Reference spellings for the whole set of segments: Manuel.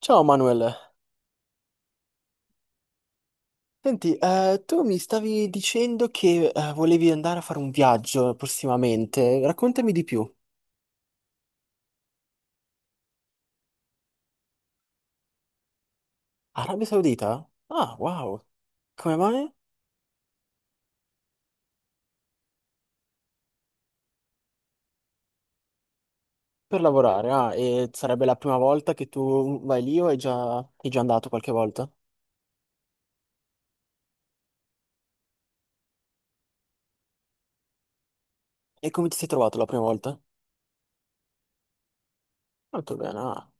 Ciao Manuel, senti, tu mi stavi dicendo che volevi andare a fare un viaggio prossimamente, raccontami di più. Arabia Saudita? Ah, wow, come mai? Per lavorare, ah, e sarebbe la prima volta che tu vai lì o hai già andato qualche volta? E come ti sei trovato la prima volta? Molto bene, ah.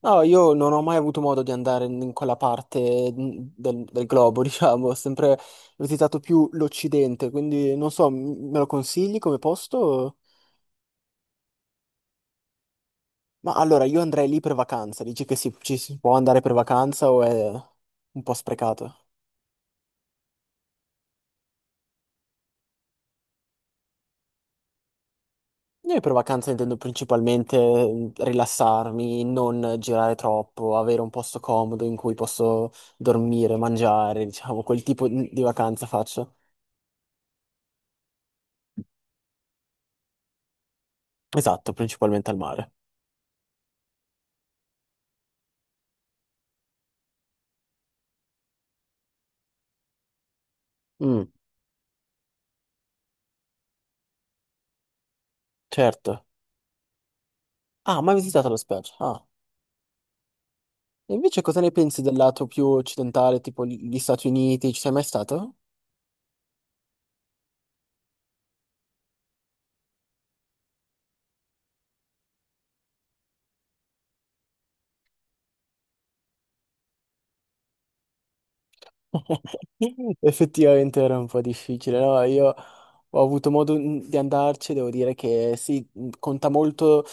No, io non ho mai avuto modo di andare in quella parte del globo, diciamo, ho sempre visitato più l'Occidente, quindi non so, me lo consigli come posto? Ma allora io andrei lì per vacanza, dici che ci si può andare per vacanza o è un po' sprecato? Io per vacanza intendo principalmente rilassarmi, non girare troppo, avere un posto comodo in cui posso dormire, mangiare, diciamo, quel tipo di vacanza faccio. Esatto, principalmente al mare. Mm, certo. Ah, mai visitato la spiaggia? Ah. E invece cosa ne pensi del lato più occidentale, tipo gli Stati Uniti? Ci sei mai stato? Effettivamente era un po' difficile, no? Io ho avuto modo di andarci, devo dire che sì, mm, conta molto,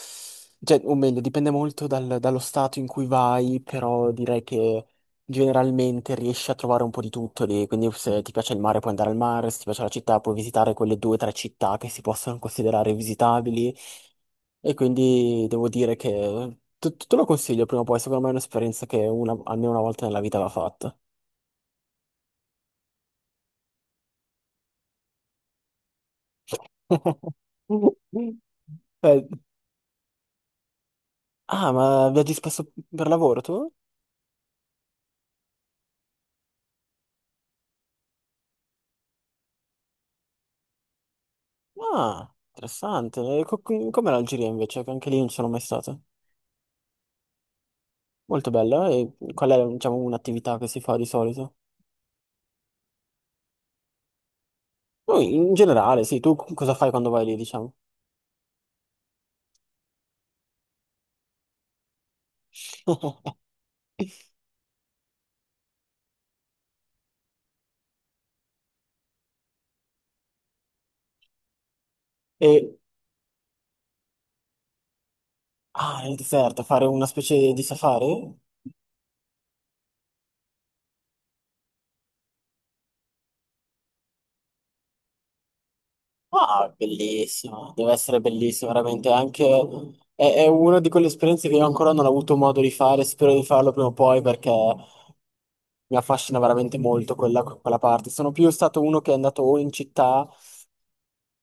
cioè, o meglio, dipende molto dallo stato in cui vai, però direi che generalmente riesci a trovare un po' di tutto lì, quindi se ti piace il mare puoi andare al mare, se ti piace la città puoi visitare quelle due o tre città che si possono considerare visitabili e quindi devo dire che te lo consiglio prima o poi, secondo me è un'esperienza che almeno una volta nella vita va fatta. Eh, ah, ma viaggi spesso per lavoro tu? Ah, interessante. E com'è l'Algeria invece? Che anche lì non sono mai stato. Molto bella. E qual è, diciamo, un'attività che si fa di solito? Poi, in generale, sì, tu cosa fai quando vai lì, diciamo? E, ah, nel deserto, fare una specie di safari? Ah, bellissimo. Deve essere bellissimo, veramente. Anche... È, è una di quelle esperienze che io ancora non ho avuto modo di fare, spero di farlo prima o poi perché mi affascina veramente molto quella parte. Sono più stato uno che è andato o in città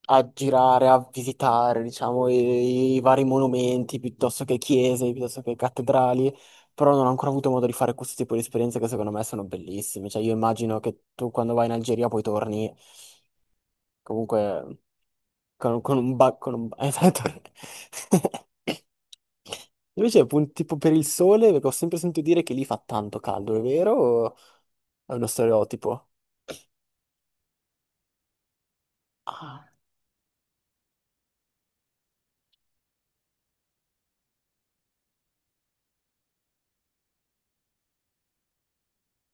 a girare, a visitare, diciamo, i vari monumenti, piuttosto che chiese, piuttosto che cattedrali, però non ho ancora avuto modo di fare questo tipo di esperienze che secondo me sono bellissime. Cioè, io immagino che tu quando vai in Algeria poi torni comunque con, esatto. Invece, appunto, tipo per il sole, perché ho sempre sentito dire che lì fa tanto caldo, è vero? O è uno stereotipo?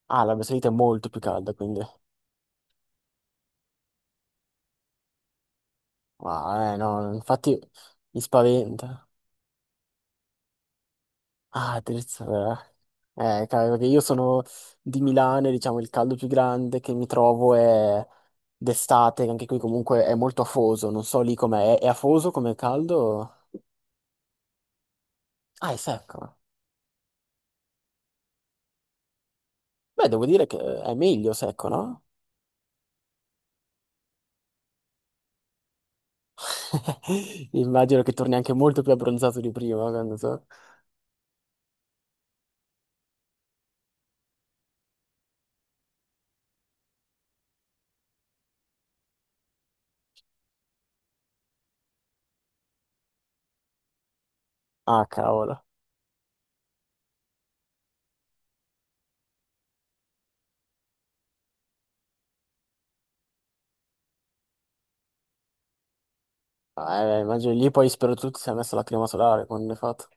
Ah, l'Arabia Saudita è molto più calda, quindi... Ah, no, infatti mi spaventa. Ah, terza... eh, cavolo, perché io sono di Milano e diciamo il caldo più grande che mi trovo è d'estate, che anche qui comunque è molto afoso, non so lì com'è. È afoso come caldo? Ah, è secco. Beh, devo dire che è meglio secco, no? Immagino che torni anche molto più abbronzato di prima, quando so. Ah, cavolo. Ah, immagino lì poi spero tutti si è messo la crema solare quando è fatto.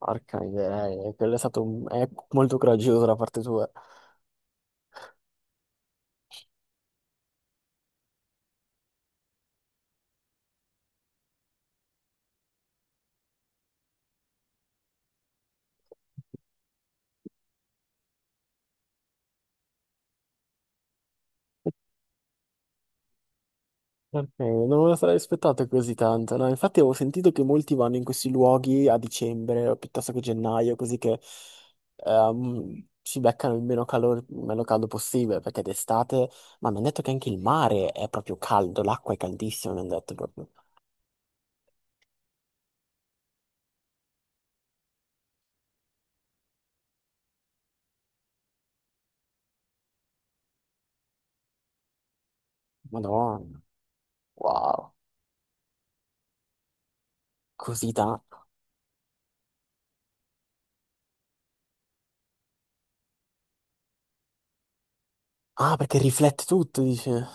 Porca miseria, quello è stato è molto coraggioso da parte tua. Non me lo sarei aspettato così tanto, no? Infatti avevo sentito che molti vanno in questi luoghi a dicembre o piuttosto che gennaio, così che si beccano il meno calore, il meno caldo possibile, perché d'estate... Ma mi hanno detto che anche il mare è proprio caldo, l'acqua è caldissima, mi hanno detto proprio. Madonna, wow, così tanto. Ah, perché riflette tutto, dice.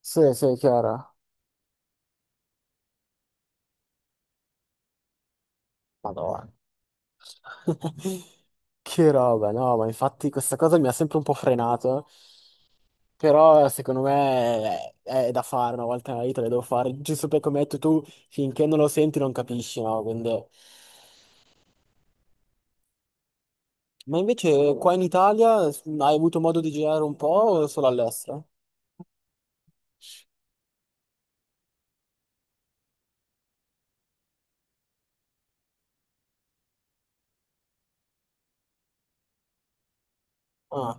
Sì, sì, è chiaro. Madonna. Che roba, no, ma infatti questa cosa mi ha sempre un po' frenato, però secondo me è da fare una volta nella vita, le devo fare, giusto perché come hai detto tu, finché non lo senti non capisci, no? Quindi- Ma invece qua in Italia hai avuto modo di girare un po' o solo all'estero? Ah,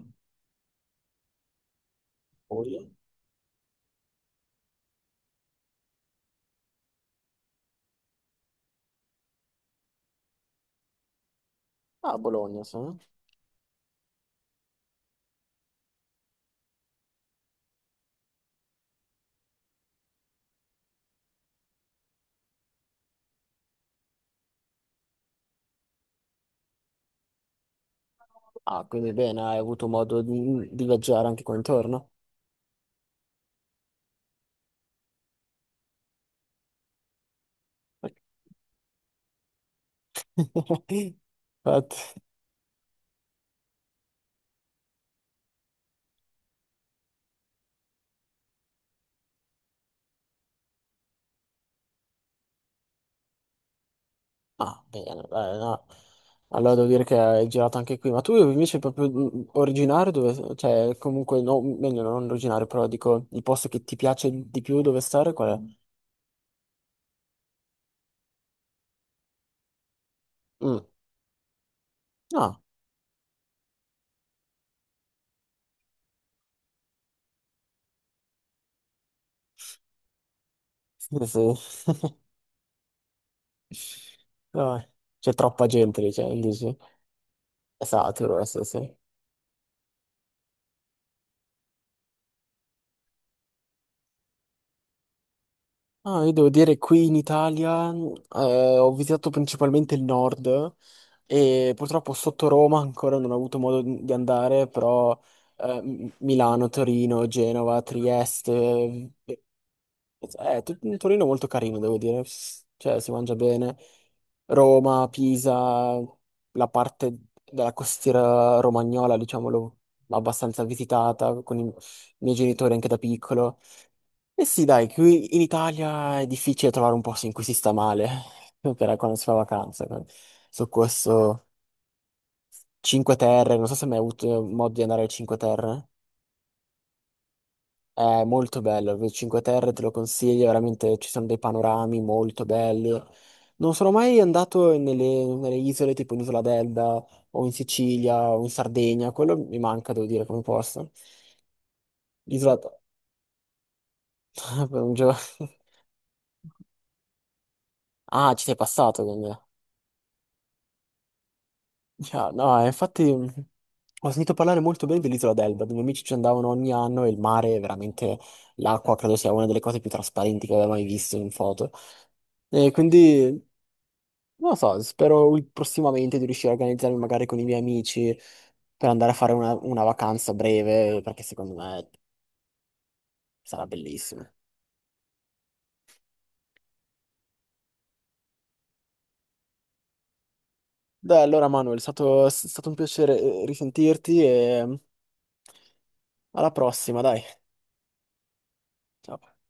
Bologna. Ah, Bologna, sì. Ah, quindi bene, hai avuto modo di viaggiare anche qua intorno? Infatti- Ah, bene, dai, no. Allora devo dire che hai girato anche qui, ma tu invece proprio originario dove, cioè comunque, no, meglio non originario, però dico, il posto che ti piace di più dove stare qual è? Mm. Ah, sì, sì. Dai. C'è troppa gente lì, cioè, dici? È saturo, sì, sì. Ah, io devo dire qui in Italia ho visitato principalmente il nord, e purtroppo sotto Roma ancora non ho avuto modo di andare, però Milano, Torino, Genova, Trieste. Eh, Torino è molto carino, devo dire. S- cioè, si mangia bene. Roma, Pisa, la parte della costiera romagnola, diciamolo, abbastanza visitata con i miei genitori anche da piccolo. E sì, dai, qui in Italia è difficile trovare un posto in cui si sta male, per quando si fa vacanza. Su questo. Cinque Terre, non so se hai mai avuto modo di andare alle Cinque Terre. È molto bello, le Cinque Terre te lo consiglio, veramente ci sono dei panorami molto belli. Non sono mai andato nelle isole tipo in Isola d'Elba o in Sicilia o in Sardegna, quello mi manca, devo dire, come posto. L'isola... per un gio- Ah, ci sei passato quindi. Yeah, no, infatti ho sentito parlare molto bene dell'isola d'Elba, dove i miei amici ci andavano ogni anno e il mare, è veramente, l'acqua credo sia una delle cose più trasparenti che avevo mai visto in foto. E quindi, non lo so, spero prossimamente di riuscire a organizzarmi magari con i miei amici per andare a fare una vacanza breve, perché secondo me sarà bellissimo. Dai, allora Manuel, è stato un piacere risentirti e mm, alla prossima, dai. Ciao.